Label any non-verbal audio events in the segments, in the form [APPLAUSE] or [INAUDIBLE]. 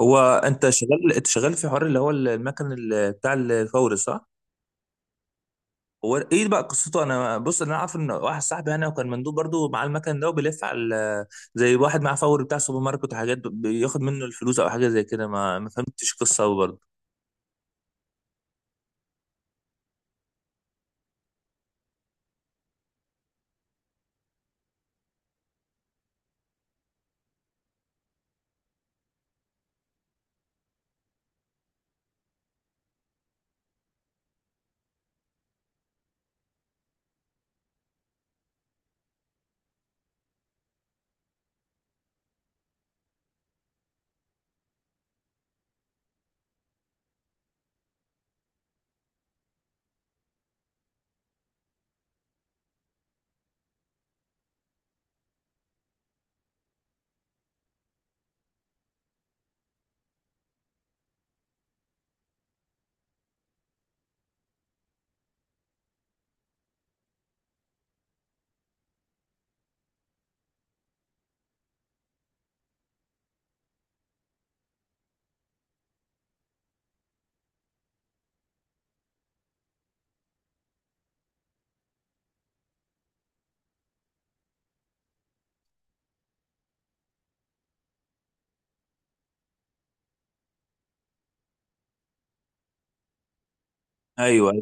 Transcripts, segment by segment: هو انت شغال في حوار اللي هو المكن بتاع الفوري، صح؟ هو ايه بقى قصته؟ انا بص، انا عارف ان واحد صاحبي انا، وكان مندوب برضو معاه المكن ده وبيلف على زي واحد معاه فوري بتاع سوبر ماركت وحاجات، بياخد منه الفلوس او حاجه زي كده، ما فهمتش قصه أوي برضو. ايوه، ايوه.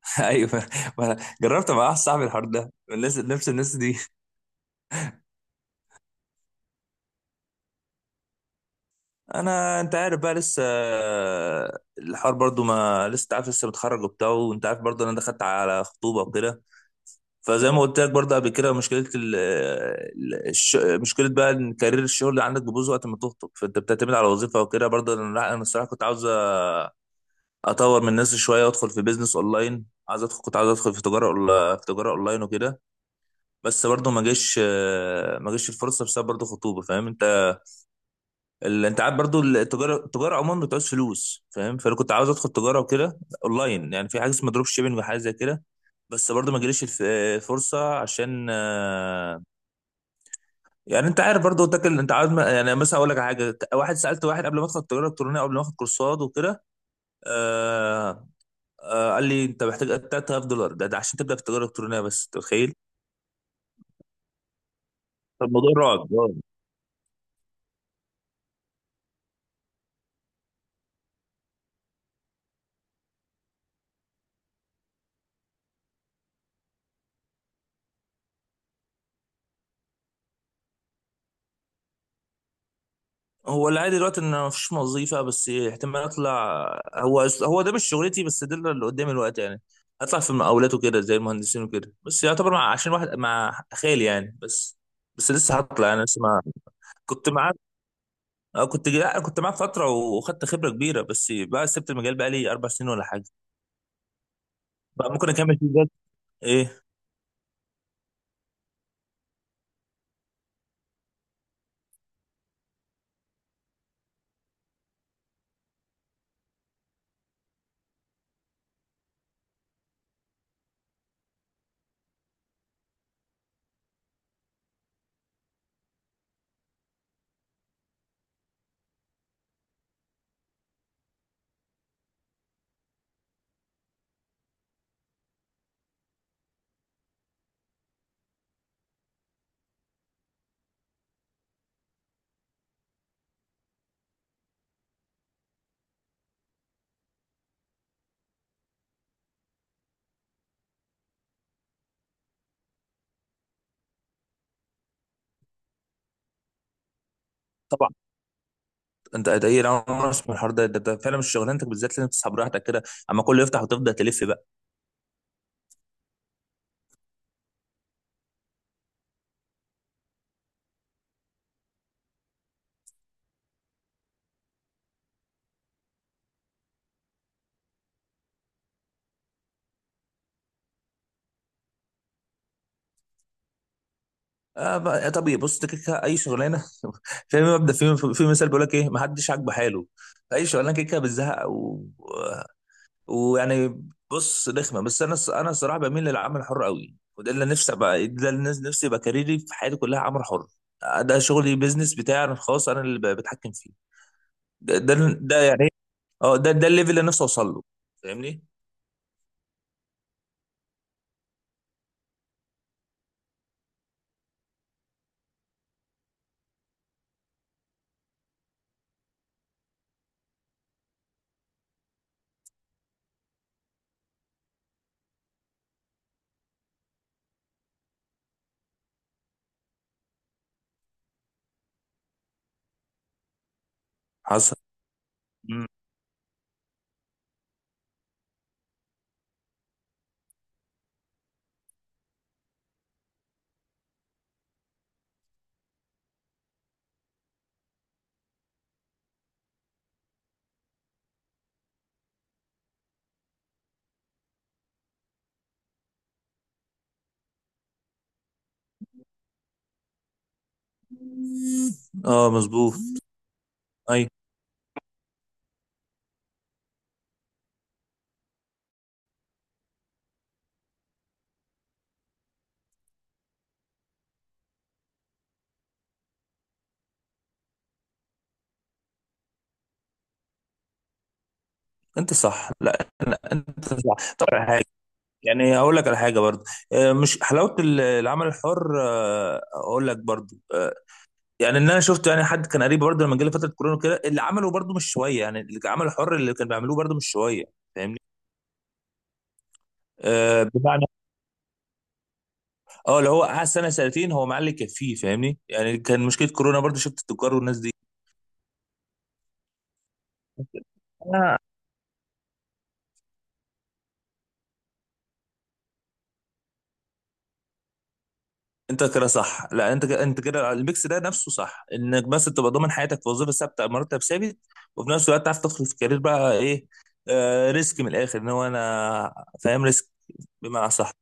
[LAUGHS] ايوه. ما أنا جربت مع واحد صاحبي الحوار ده، الناس نفس الناس دي. انت عارف بقى، لسه الحوار برضو، ما لسه أنت عارف، لسه متخرج وبتاع، وانت عارف برضو انا دخلت على خطوبه وكده. فزي ما قلت لك برضه قبل كده، مشكله بقى ان كارير الشغل اللي عندك بيبوظ وقت ما تخطب، فانت بتعتمد على وظيفه وكده برضه. انا، لا، انا الصراحه كنت عاوز اطور من نفسي شويه وادخل في بيزنس اونلاين. عايز ادخل كنت عاوز ادخل في تجاره في تجاره اونلاين وكده. بس برضه ما جاش الفرصه بسبب برضه خطوبه، فاهم انت؟ انت عارف برضه، التجاره عموما بتعوز فلوس، فاهم؟ فانا كنت عاوز ادخل تجاره وكده اونلاين، يعني في حاجه اسمها دروب شيبنج وحاجه زي كده. بس برضه ما جاليش الفرصه، عشان يعني انت عارف برضه، قلت لك انت عارف، يعني مثلا اقول لك على حاجه، واحد سالت واحد قبل ما ادخل التجاره الالكترونيه، قبل ما اخد كورسات وكده. آه قال لي انت محتاج $3000 ده, عشان تبدا في التجاره الالكترونيه، بس انت متخيل؟ طب الموضوع رعب، رعب. هو العادي دلوقتي ان مفيش وظيفه، بس احتمال اطلع. هو ده مش شغلتي، بس ده اللي قدامي الوقت، يعني اطلع في المقاولات وكده زي المهندسين وكده، بس يعتبر مع، عشان واحد، مع خالي يعني، بس. بس لسه هطلع، انا لسه ما كنت معاه. أنا كنت، لا، أنا كنت معاه فترة وخدت خبرة كبيرة، بس بقى سبت المجال بقى لي 4 سنين ولا حاجة، بقى ممكن أكمل فيه بجد. إيه؟ طبعا. أنت ده إيه؟ أنا ما أعرفش من الحوار ده فعلا مش شغلانتك بالذات، لازم تسحب راحتك كده، أما كله يفتح وتفضل تلف بقى. آه بقى طبيعي، بص أنت كده كده أي شغلانة. [LAUGHS] في مبدأ، في مثال بيقول لك إيه: ما حدش عاجبه حاله، فأي شغلانة كده كده بتزهق ويعني، بص، رخمه. بس انا الصراحه بميل للعمل الحر قوي، وده اللي نفسي ابقى، ده اللي نفسي يبقى كاريري في حياتي كلها عمل حر. ده شغلي، بيزنس بتاعي انا الخاص، انا اللي بتحكم فيه. ده ده, ده يعني، ده الليفل اللي نفسي اوصل له، فاهمني؟ حصل. مم. اه، مظبوط. ايوه، انت صح، لا لا انت صح، طب على حاجه. يعني هقول لك على حاجه برضه، مش حلاوه العمل الحر، اقول لك برضه، يعني ان انا شفت يعني حد كان قريب برضه لما جالي فتره كورونا كده، اللي عمله برضه مش شويه، يعني اللي عمله حر، اللي كان بيعملوه برضه مش شويه، فاهمني؟ بمعنى، اه اللي هو قعد سنه سنتين هو معلي كفيه، فاهمني؟ يعني كان مشكله كورونا برضه، شفت التجار والناس دي. آه. انت كده صح، لا انت كده، انت كده الميكس ده نفسه صح، انك بس تبقى ضامن حياتك في وظيفه ثابته، مرتب ثابت، وفي نفس الوقت تعرف تدخل في كارير بقى، ايه، ريسك من الاخر، ان هو انا فاهم ريسك، بمعنى، صح.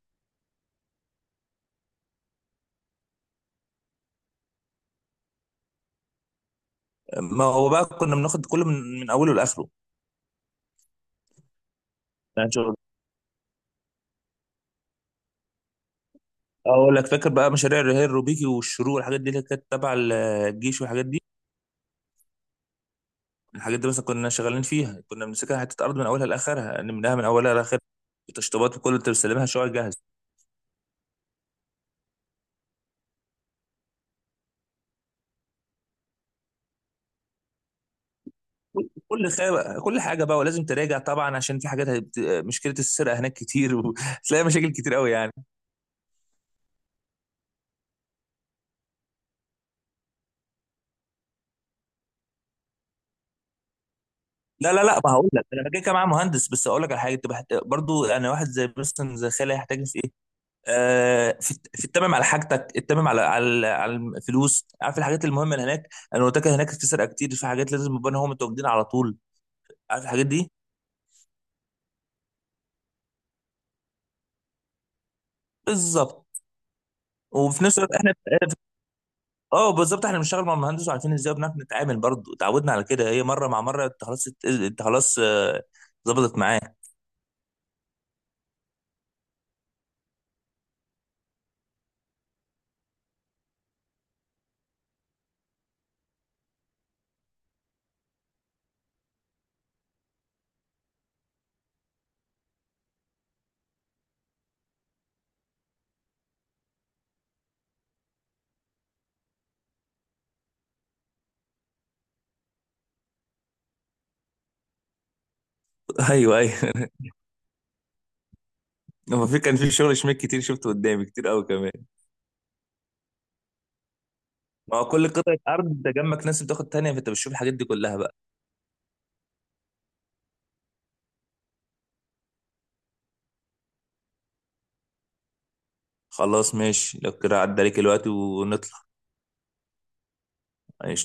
ما هو بقى كنا بناخد كله من اوله لاخره، يعني اقول لك فاكر بقى مشاريع الرهان الروبيكي والشروق والحاجات دي اللي كانت تبع الجيش والحاجات دي. الحاجات دي مثلا كنا شغالين فيها، كنا بنمسكها حته ارض من اولها لاخرها، يعني منها، من اولها لاخرها، التشطيبات وكل، انت بتستلمها شويه جاهز. كل حاجه بقى، ولازم تراجع طبعا، عشان في حاجات مشكله السرقه هناك كتير، وتلاقي [LAUGHS] مشاكل كتير قوي يعني. لا لا لا، ما هقول لك، انا كده كده معايا مهندس، بس اقول لك على حاجه، تبقى برضو انا واحد زي مثلا زي خالي، هيحتاج في ايه، في التمم على حاجتك، التمم على الفلوس، عارف الحاجات المهمه اللي هناك. انا قلت لك هناك في سرقه كتير، في حاجات لازم يبقى هم متواجدين على طول، عارف الحاجات دي. بالظبط. وفي نفس الوقت احنا، اه بالظبط، احنا بنشتغل مع المهندس وعارفين ازاي، بنعرف نتعامل برضه، اتعودنا على كده، هي مره مع مره، انت خلاص ظبطت معاك. [LAUGHS] ايوه، ايوه. هو في كان في شغل شميك كتير شفته قدامي كتير قوي كمان. ما هو كل قطعه ارض، انت جنبك ناس بتاخد تانية، فانت بتشوف الحاجات دي كلها بقى. خلاص ماشي، لو كده عدى عليك الوقت ونطلع.